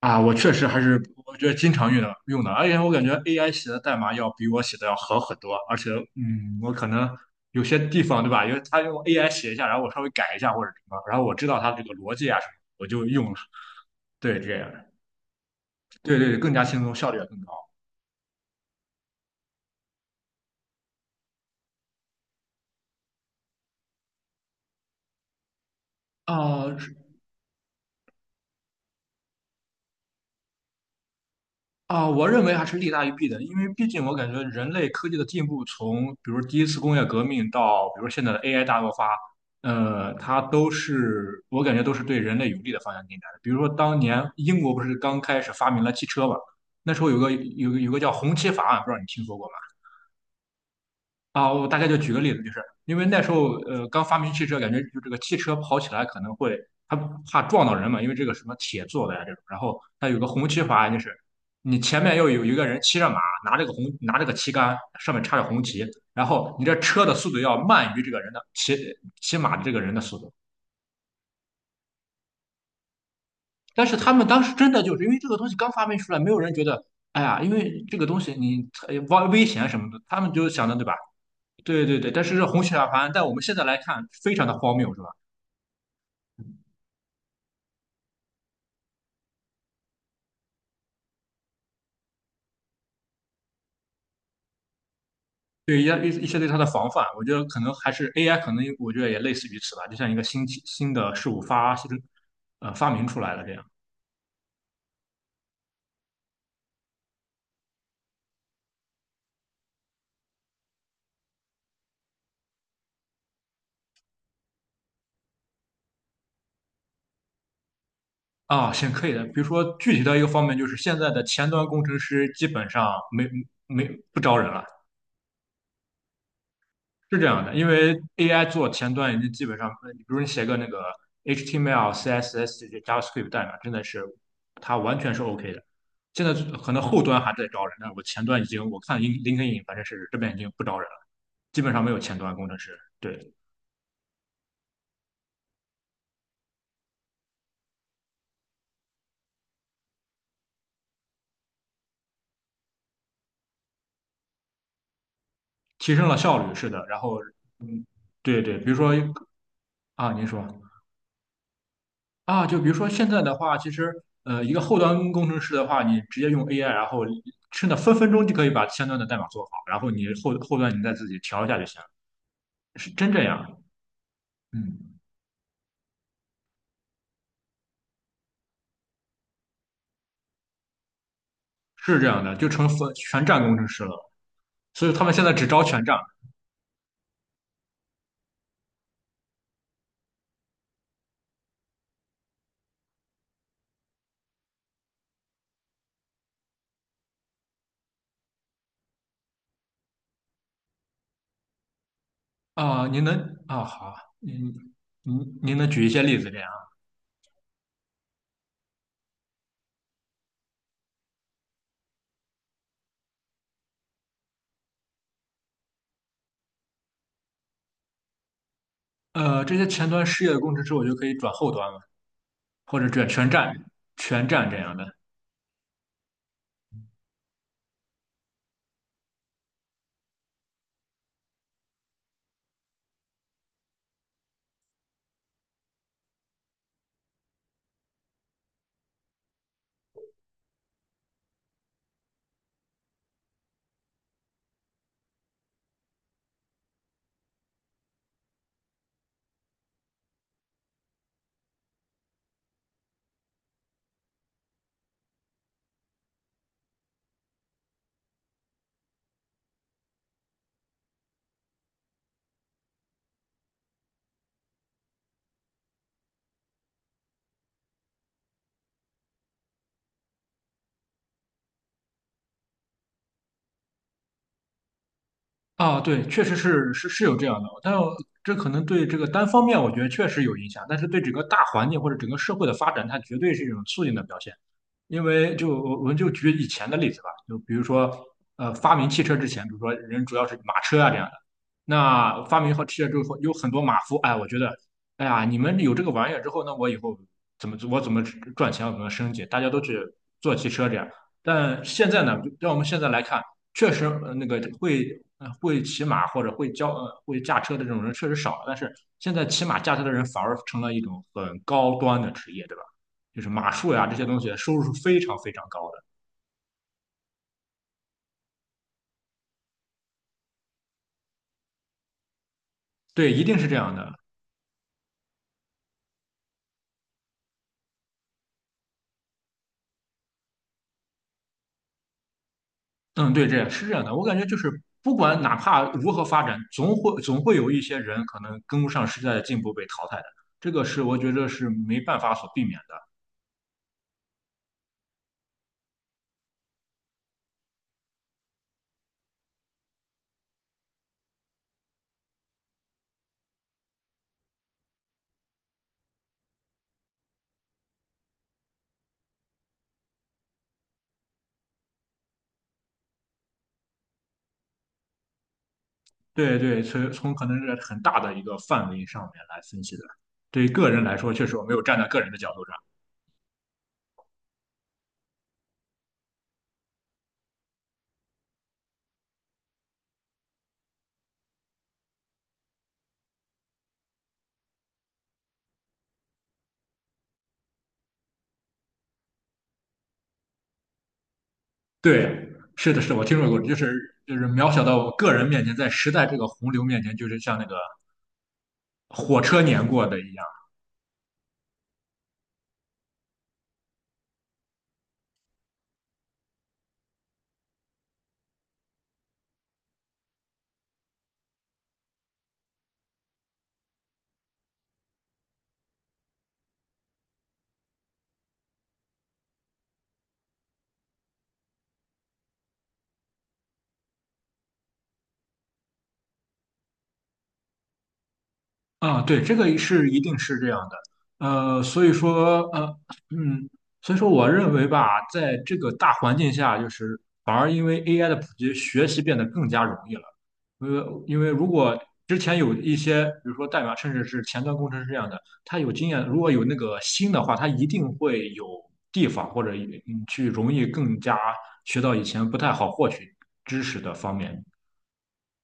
啊，我确实还是我觉得经常用的用的，而且我感觉 AI 写的代码要比我写的要好很多，而且我可能有些地方对吧，因为他用 AI 写一下，然后我稍微改一下或者什么，然后我知道它这个逻辑啊什么，我就用了。对，这样，对对，更加轻松，效率也更高。啊、啊，我认为还是利大于弊的，因为毕竟我感觉人类科技的进步，从比如第一次工业革命到比如现在的 AI 大爆发，它都是我感觉都是对人类有利的方向进展的。比如说当年英国不是刚开始发明了汽车嘛，那时候有个叫红旗法案，不知道你听说过吗？啊，我大概就举个例子，就是因为那时候刚发明汽车，感觉就这个汽车跑起来可能会它怕撞到人嘛，因为这个什么铁做的呀这种，然后它有个红旗法，就是你前面要有一个人骑着马，拿着个旗杆，上面插着红旗，然后你这车的速度要慢于这个人的骑骑马的这个人的速度。但是他们当时真的就是因为这个东西刚发明出来，没有人觉得哎呀，因为这个东西你危险什么的，他们就想着对吧？对对对，但是这红血小盘在我们现在来看非常的荒谬，是吧？对一些对它的防范，我觉得可能还是 AI,可能我觉得也类似于此吧，就像一个新的事物发明出来了这样。啊，行可以的。比如说具体的一个方面，就是现在的前端工程师基本上没没不招人了，是这样的，因为 AI 做前端已经基本上，比如你写个那个 HTML、CSS 这些 JavaScript 代码，真的是它完全是 OK 的。现在可能后端还在招人，但我前端已经，我看 LKIN 反正是这边已经不招人了，基本上没有前端工程师。对，提升了效率，是的。然后，嗯，对对，比如说。啊，您说。啊，就比如说现在的话，其实一个后端工程师的话，你直接用 AI,然后真的分分钟就可以把前端的代码做好，然后你后端你再自己调一下就行了，是真这样？嗯，是这样的，就成分全站工程师了，所以他们现在只招全站。啊，您能啊，好，您您能举一些例子这样？这些前端失业的工程师，我就可以转后端了，或者转全站这样的。啊，对，确实是有这样的，但这可能对这个单方面，我觉得确实有影响，但是对整个大环境或者整个社会的发展，它绝对是一种促进的表现。因为就我们就举以前的例子吧，就比如说，发明汽车之前，比如说人主要是马车啊这样的，那发明好汽车之后，有很多马夫，哎，我觉得，哎呀，你们有这个玩意儿之后，那我以后我怎么赚钱，我怎么升级，大家都去做汽车这样。但现在呢，就让我们现在来看。确实那个会会骑马或者会驾车的这种人确实少了，但是现在骑马驾车的人反而成了一种很高端的职业，对吧？就是马术呀这些东西收入是非常非常高的。对，一定是这样的。嗯，对，这样是这样的。我感觉就是不管哪怕如何发展，总会有一些人可能跟不上时代的进步被淘汰的，这个是我觉得是没办法所避免的。对对，从可能是很大的一个范围上面来分析的。对于个人来说，确实我没有站在个人的角度上。对，是的，是的我听说过，就是渺小到我个人面前，在时代这个洪流面前，就是像那个火车碾过的一样。啊，对，这个是一定是这样的，呃，所以说，呃，嗯，所以说，我认为吧，在这个大环境下，就是反而因为 AI 的普及，学习变得更加容易了。因为如果之前有一些，比如说代码，甚至是前端工程师这样的，他有经验，如果有那个心的话，他一定会有地方或者去容易更加学到以前不太好获取知识的方面，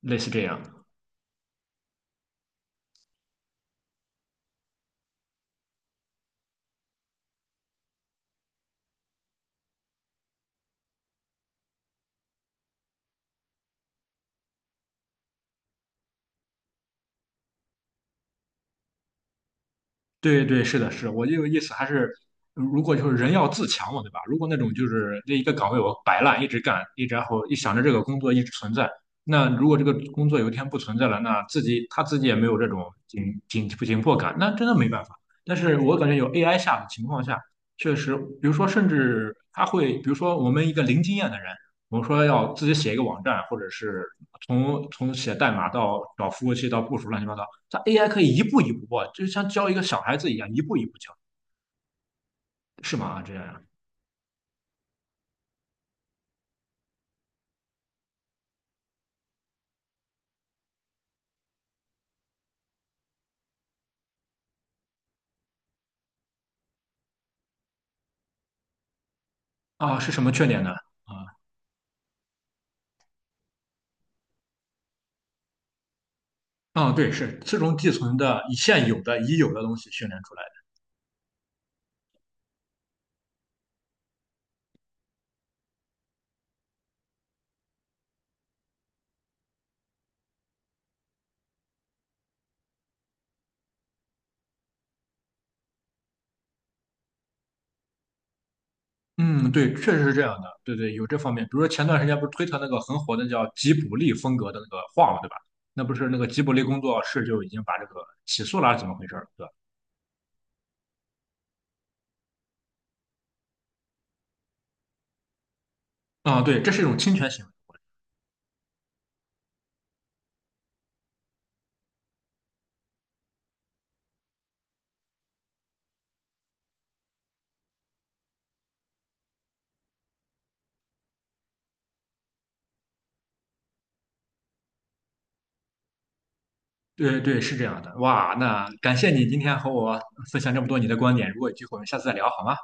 类似这样。对对，是的，是我这个意思。还是，如果就是人要自强嘛，对吧？如果那种就是那一个岗位我摆烂一直干，一直然后一想着这个工作一直存在，那如果这个工作有一天不存在了，那他自己也没有这种紧迫感，那真的没办法。但是我感觉有 AI 下的情况下，确实，比如说甚至他会，比如说我们一个零经验的人，我们说要自己写一个网站，或者是从写代码到找服务器到部署乱七八糟。它 AI 可以一步一步过，就是像教一个小孩子一样，一步一步教，是吗？啊，这样呀。是什么缺点呢？对，是自从寄存的现有的已有的东西训练出来的。嗯，对，确实是这样的。对对，有这方面。比如说前段时间不是推特那个很火的叫吉卜力风格的那个画嘛，对吧？那不是那个吉卜力工作室就已经把这个起诉了，还是怎么回事儿？对吧？啊，对，这是一种侵权行为。对对，是这样的。哇，那感谢你今天和我分享这么多你的观点。如果有机会，我们下次再聊好吗？